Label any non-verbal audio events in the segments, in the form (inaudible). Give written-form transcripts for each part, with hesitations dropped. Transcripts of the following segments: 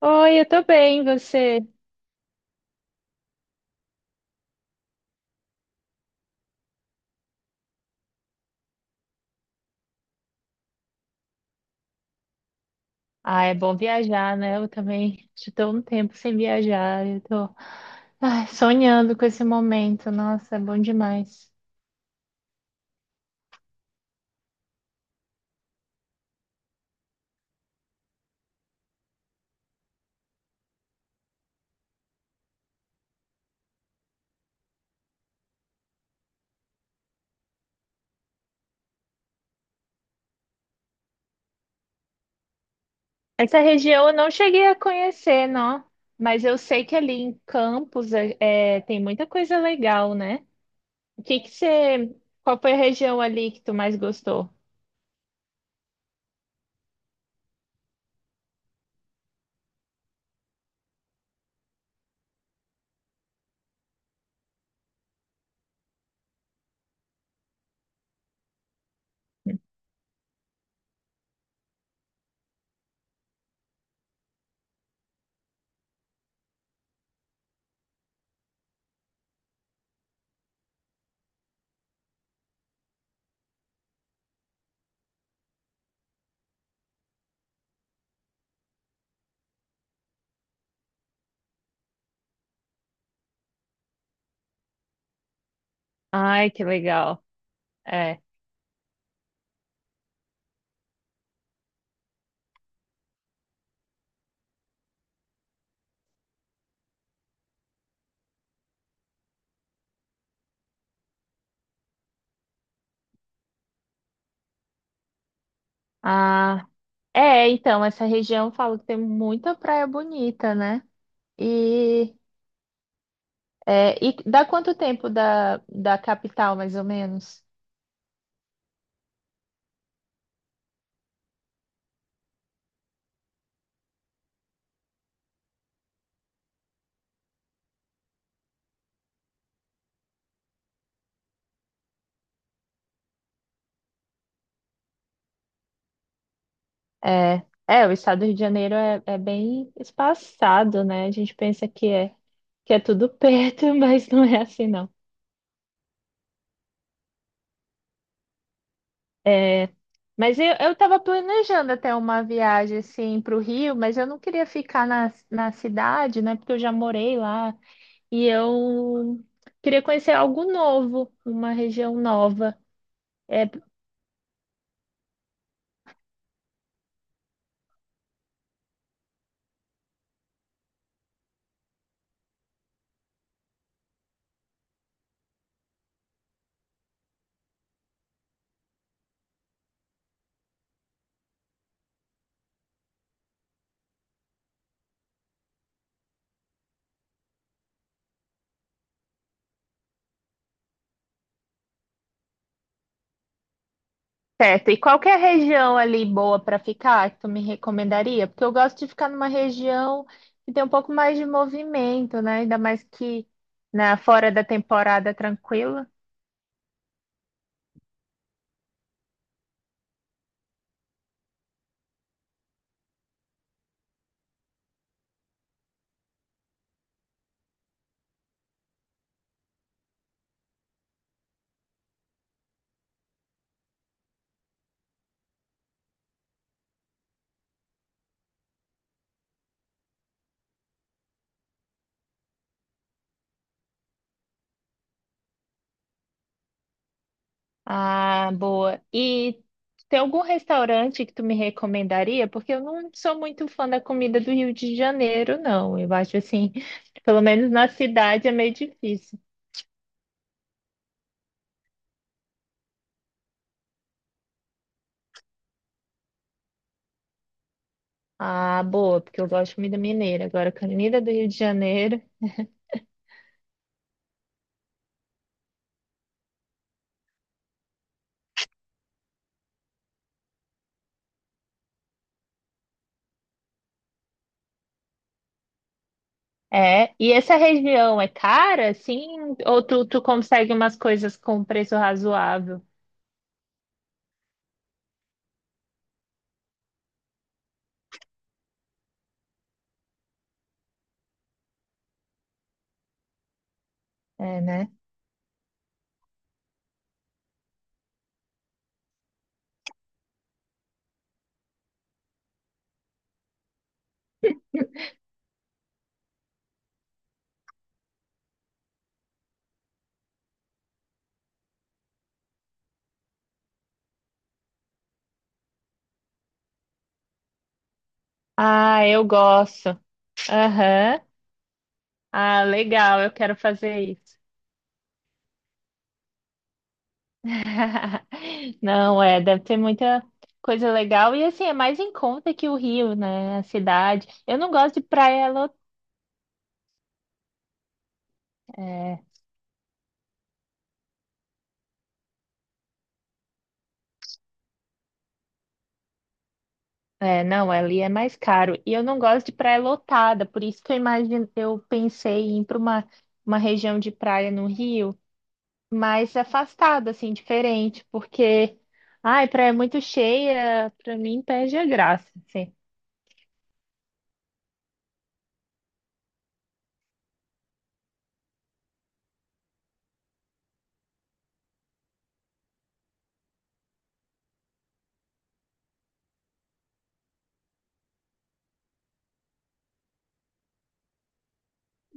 Oi, eu tô bem, e você? Ah, é bom viajar, né? Eu também já tô um tempo sem viajar, eu tô ai, sonhando com esse momento, nossa, é bom demais. Essa região eu não cheguei a conhecer, não, mas eu sei que ali em Campos é, tem muita coisa legal, né? O que que você, qual foi a região ali que tu mais gostou? Ai, que legal, é. Ah, é, então, essa região eu falo que tem muita praia bonita, né? E é, e dá quanto tempo da capital, mais ou menos? É, é, o estado do Rio de Janeiro é bem espaçado, né? A gente pensa que que é tudo perto, (laughs) mas não é assim, não. É, mas eu estava planejando até uma viagem, assim, para o Rio, mas eu não queria ficar na cidade, né? Porque eu já morei lá e eu queria conhecer algo novo, uma região nova. É, certo. E qual que é a região ali boa para ficar que tu me recomendaria? Porque eu gosto de ficar numa região que tem um pouco mais de movimento, né? Ainda mais que na fora da temporada tranquila. Ah, boa. E tem algum restaurante que tu me recomendaria? Porque eu não sou muito fã da comida do Rio de Janeiro, não. Eu acho assim, (laughs) pelo menos na cidade é meio difícil. Ah, boa, porque eu gosto de comida mineira. Agora, comida do Rio de Janeiro. É, e essa região é cara, assim? Ou tu consegue umas coisas com preço razoável? É, né? Ah, eu gosto. Aham. Ah, legal, eu quero fazer isso. (laughs) Não, é, deve ter muita coisa legal. E assim, é mais em conta que o Rio, né? A cidade. Eu não gosto de praia lotada. É, é, não, ali é mais caro. E eu não gosto de praia lotada, por isso que eu imagino, eu pensei em ir para uma região de praia no Rio, mais afastada, assim, diferente, porque, ai, praia muito cheia, pra mim perde a graça, assim.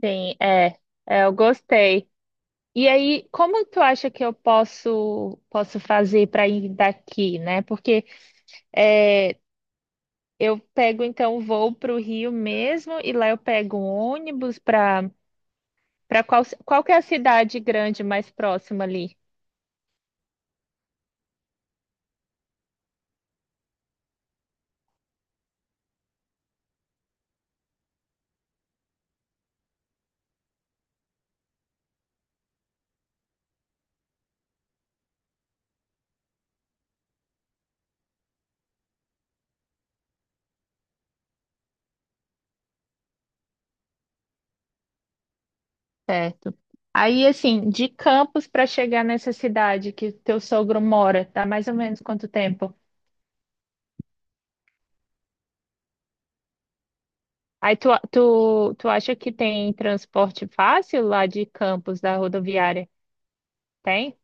Sim, é, é, eu gostei. E aí, como tu acha que eu posso fazer para ir daqui, né? Porque é, eu pego então o voo para o Rio mesmo e lá eu pego um ônibus para qual que é a cidade grande mais próxima ali? Certo. Aí, assim, de Campos para chegar nessa cidade que teu sogro mora, tá mais ou menos quanto tempo? Aí tu acha que tem transporte fácil lá de Campos, da rodoviária? Tem?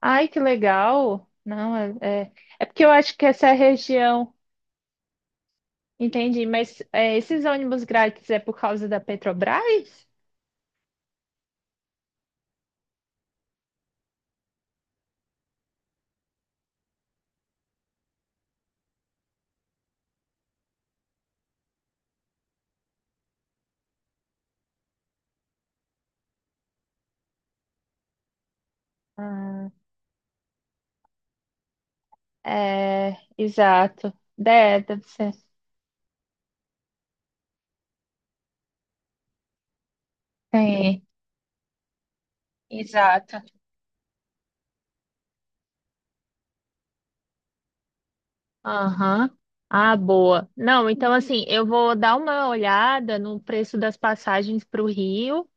Ai, que legal! Não, é, é, é porque eu acho que essa região, entendi, mas é, esses ônibus grátis é por causa da Petrobras? Ah, é, exato. Deve, deve ser. Tem, exato. Aham. Ah, boa. Não, então assim, eu vou dar uma olhada no preço das passagens para o Rio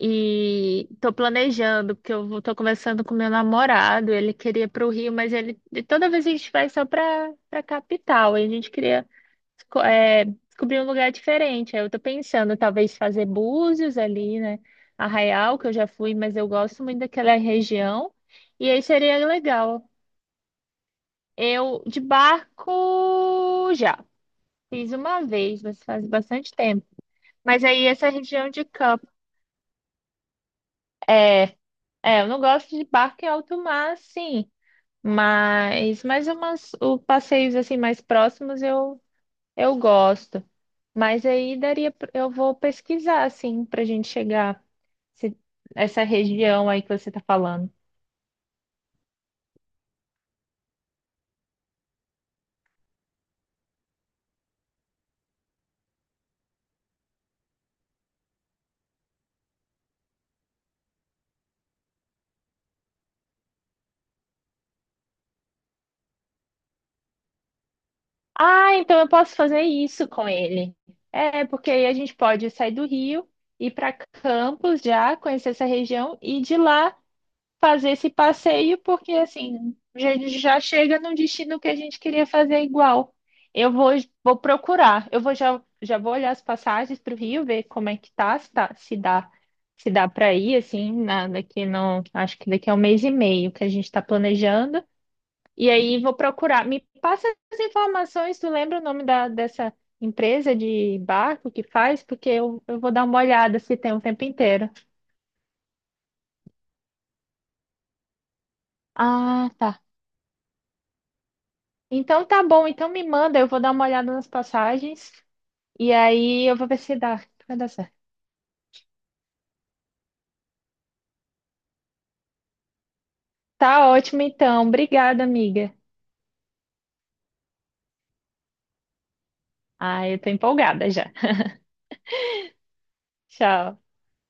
e tô planejando, porque eu vou- tô conversando com meu namorado, ele queria para o Rio, mas ele e toda vez a gente vai só para capital, e a gente queria esco- é, descobrir um lugar diferente. Aí eu tô pensando talvez fazer Búzios ali, né? Arraial, que eu já fui, mas eu gosto muito daquela região. E aí seria legal. Eu de barco já. Fiz uma vez, mas faz bastante tempo. Mas aí essa região de campo é, é, eu não gosto de barco em alto mar, sim, mas mais umas o passeios assim mais próximos eu gosto. Mas aí daria, pra- eu vou pesquisar assim pra gente chegar. Se- essa região aí que você está falando. Ah, então eu posso fazer isso com ele. É, porque aí a gente pode sair do Rio, ir para Campos já, conhecer essa região e de lá fazer esse passeio, porque assim, já, já chega no destino que a gente queria fazer igual. Eu vou, vou procurar, eu vou já, já vou olhar as passagens para o Rio, ver como é que tá, se dá, se dá para ir, assim, na, daqui não, acho que daqui a um mês e meio que a gente está planejando. E aí vou procurar. Me passa as informações, tu lembra o nome dessa empresa de barco que faz? Porque eu vou dar uma olhada se tem o tempo inteiro. Ah, tá. Então tá bom, então me manda, eu vou dar uma olhada nas passagens e aí eu vou ver se dá, vai dar certo. Tá ótimo então, obrigada, amiga. Ah, eu tô empolgada já. (laughs) Tchau.